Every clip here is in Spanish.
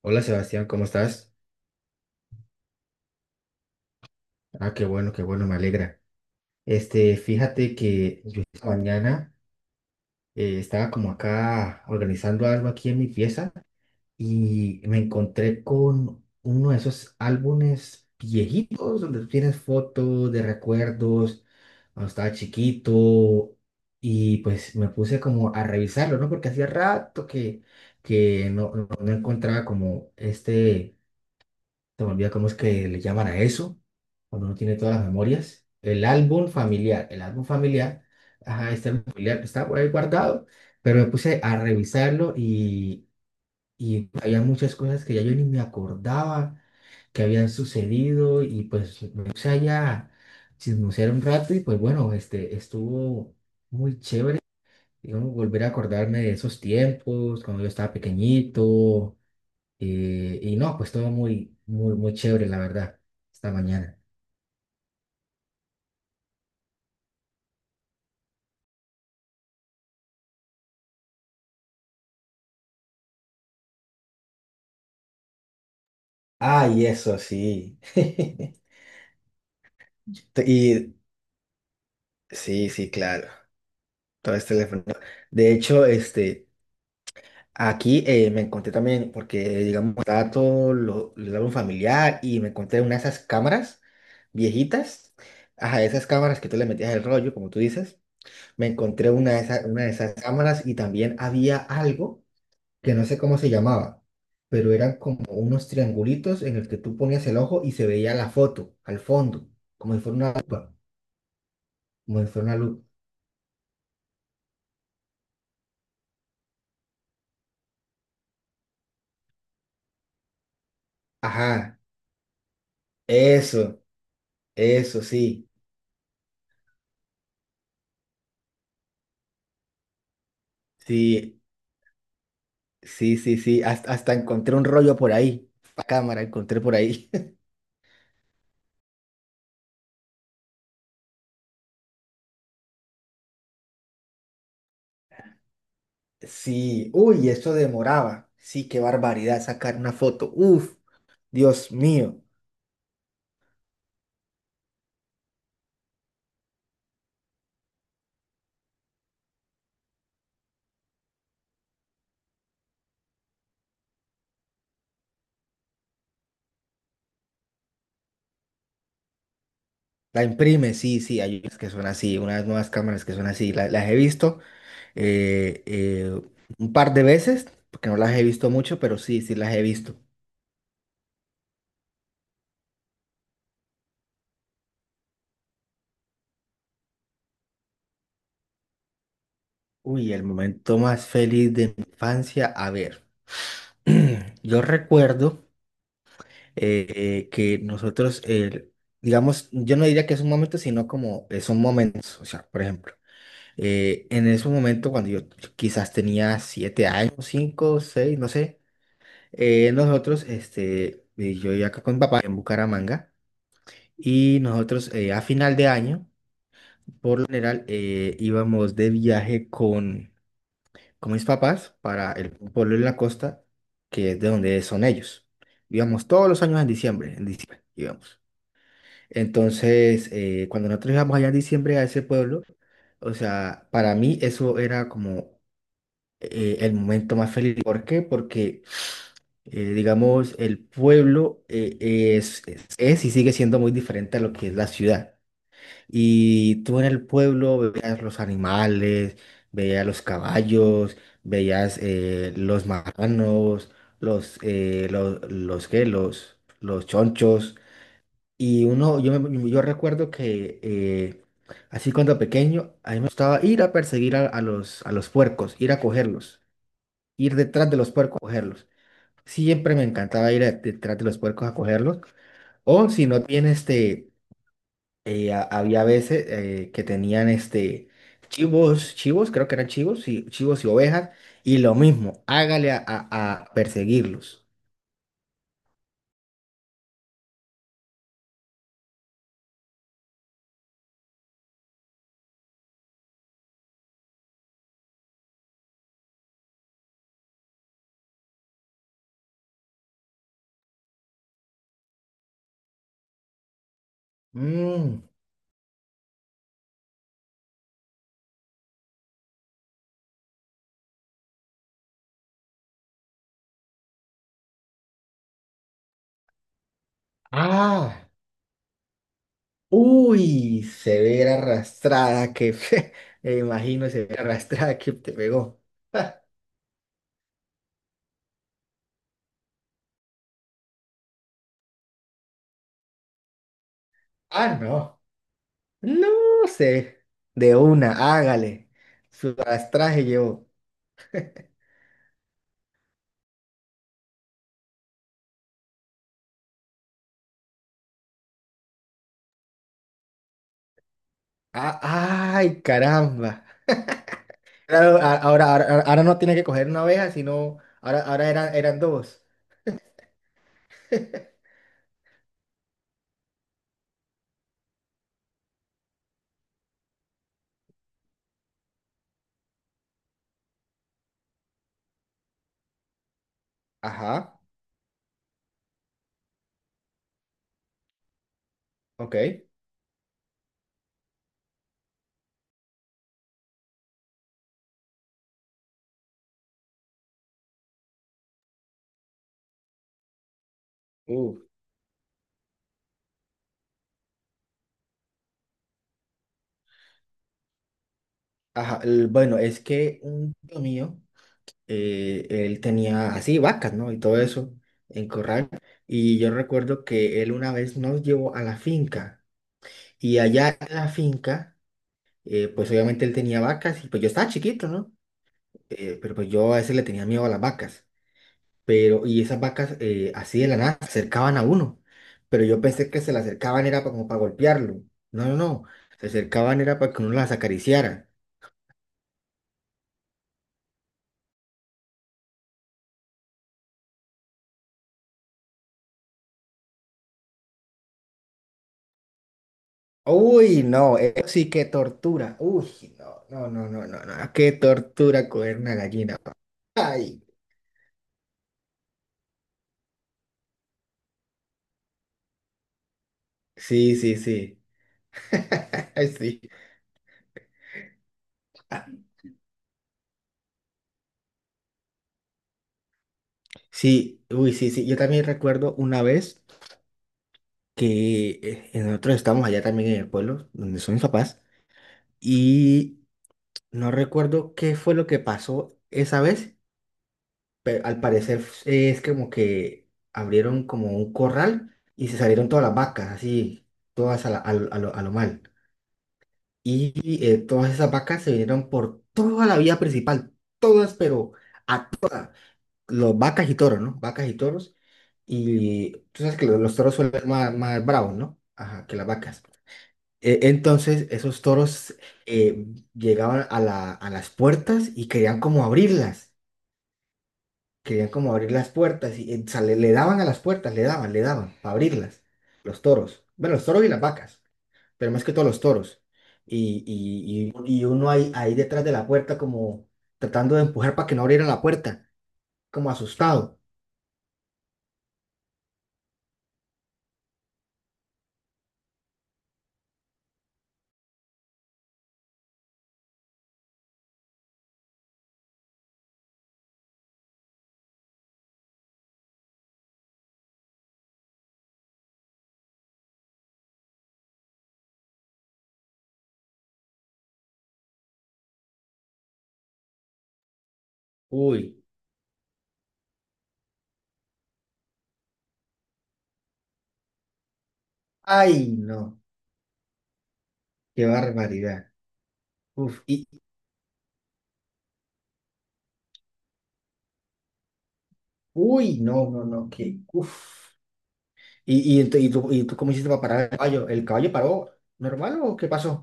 Hola Sebastián, ¿cómo estás? Ah, qué bueno, me alegra. Fíjate que yo esta mañana estaba como acá organizando algo aquí en mi pieza y me encontré con uno de esos álbumes viejitos donde tienes fotos de recuerdos cuando estaba chiquito. Y pues me puse como a revisarlo, ¿no? Porque hacía rato que no encontraba como se me olvida cómo es que le llaman a eso, cuando uno tiene todas las memorias. El álbum familiar, ajá, este álbum familiar está por ahí guardado, pero me puse a revisarlo y había muchas cosas que ya yo ni me acordaba que habían sucedido y pues me puse allá a chismosear un rato y pues bueno, estuvo muy chévere, digamos, volver a acordarme de esos tiempos, cuando yo estaba pequeñito y no, pues todo muy, muy, muy chévere, la verdad, esta mañana. Ay, eso sí. Y sí, sí, claro. Todo es teléfono. De hecho, aquí me encontré también, porque digamos, estaba el álbum familiar y me encontré una de esas cámaras viejitas. Ajá, esas cámaras que tú le metías el rollo, como tú dices. Me encontré una de esas cámaras y también había algo que no sé cómo se llamaba, pero eran como unos triangulitos en el que tú ponías el ojo y se veía la foto al fondo, como si fuera una lupa, como si fuera una lupa. Ajá, eso, eso sí, sí, sí, sí, sí, hasta encontré un rollo por ahí, la cámara encontré por ahí. Sí, uy, eso demoraba, sí, qué barbaridad sacar una foto, uf, Dios mío. La imprime, sí, sí, hay unas que son así, unas nuevas cámaras que son así, las he visto eh, eh, un par de veces, porque no las he visto mucho, pero sí, sí las he visto. Uy, el momento más feliz de mi infancia, a ver, yo recuerdo eh, que nosotros, eh, digamos, yo no diría que es un momento, sino como son momentos, o sea, por ejemplo, en ese momento cuando yo quizás tenía 7 años, cinco, seis, no sé, yo iba acá con mi papá en Bucaramanga y nosotros, a final de año, general, íbamos de viaje con mis papás para el pueblo en la costa, que es de donde son ellos. Íbamos todos los años en diciembre íbamos. Entonces, cuando nosotros íbamos allá en diciembre a ese pueblo, o sea, para mí eso era como el momento más feliz. ¿Por qué? Porque, digamos, el pueblo, es y sigue siendo muy diferente a lo que es la ciudad. Y tú en el pueblo veías los animales, veías los caballos, veías los marranos, ¿qué? Los chonchos. Y yo recuerdo que así cuando pequeño, a mí me gustaba ir a perseguir a los puercos, ir a cogerlos, ir detrás de los puercos a cogerlos. Siempre me encantaba ir detrás de los puercos a cogerlos. O si no tienes había veces que tenían chivos, chivos, creo que eran chivos, y chivos y ovejas, y lo mismo, hágale a perseguirlos. Mm, ah, uy, se ve la arrastrada que me imagino se ve la arrastrada que te pegó. Ah, no, no sé, de una, hágale. Su arrastraje llevó. Ah, ay, caramba. Claro, ahora, ahora, ahora no tiene que coger una abeja, sino ahora, ahora eran dos. Ajá, ok. Uh, ajá, bueno, es que un tío mío, él tenía así vacas, ¿no? Y todo eso en corral. Y yo recuerdo que él una vez nos llevó a la finca. Y allá en la finca, pues obviamente él tenía vacas y pues yo estaba chiquito, ¿no? Pero pues yo a veces le tenía miedo a las vacas. Pero y esas vacas, así de la nada se acercaban a uno, pero yo pensé que se le acercaban era como para golpearlo, no, no, no, se acercaban era para que uno las acariciara. Uy, no, eso sí que tortura, uy, no, no, no, no, no, no, qué tortura coger una gallina. Ay, sí, sí, sí. Ay, sí, sí, uy, sí, sí. Yo también recuerdo una vez que nosotros estábamos allá también en el pueblo donde son mis papás, y no recuerdo qué fue lo que pasó esa vez, pero al parecer es como que abrieron como un corral y se salieron todas las vacas, así, todas a, la- a lo, a lo- a lo mal. Y todas esas vacas se vinieron por toda la vía principal, todas, pero a todas, los vacas y toros, ¿no? Vacas y toros. Y tú sabes que los toros suelen ser más bravos, ¿no? Ajá, que las vacas. Entonces esos toros, eh, llegaban a las puertas y querían como abrirlas, querían como abrir las puertas y, o sea, le daban a las puertas, le daban para abrirlas, los toros, bueno, los toros y las vacas, pero más que todo los toros. Y uno ahí, detrás de la puerta como tratando de empujar para que no abrieran la puerta, como asustado. Uy, ay no, qué barbaridad. Uf, y uy, no, no, no, qué, uf. ¿Y tú cómo hiciste para parar el caballo? ¿El caballo paró normal o qué pasó?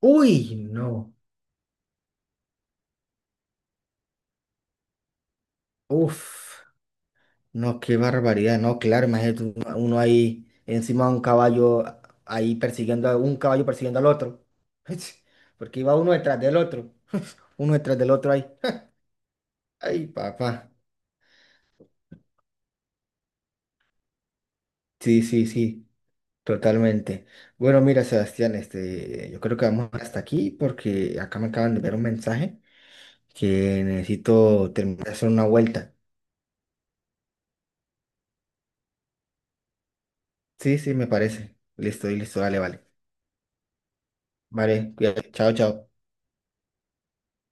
Uy, no. Uf, no, qué barbaridad. No, claro, imagínate uno ahí encima de un caballo, ahí persiguiendo a un caballo persiguiendo al otro. Porque iba uno detrás del otro. Uno detrás del otro ahí. Ay, papá. Sí, sí, sí, totalmente. Bueno, mira, Sebastián, yo creo que vamos hasta aquí porque acá me acaban de ver un mensaje que necesito terminar de hacer una vuelta. Sí, sí, me parece. Listo, listo, dale, vale. Vale, cuídate. Chao, chao.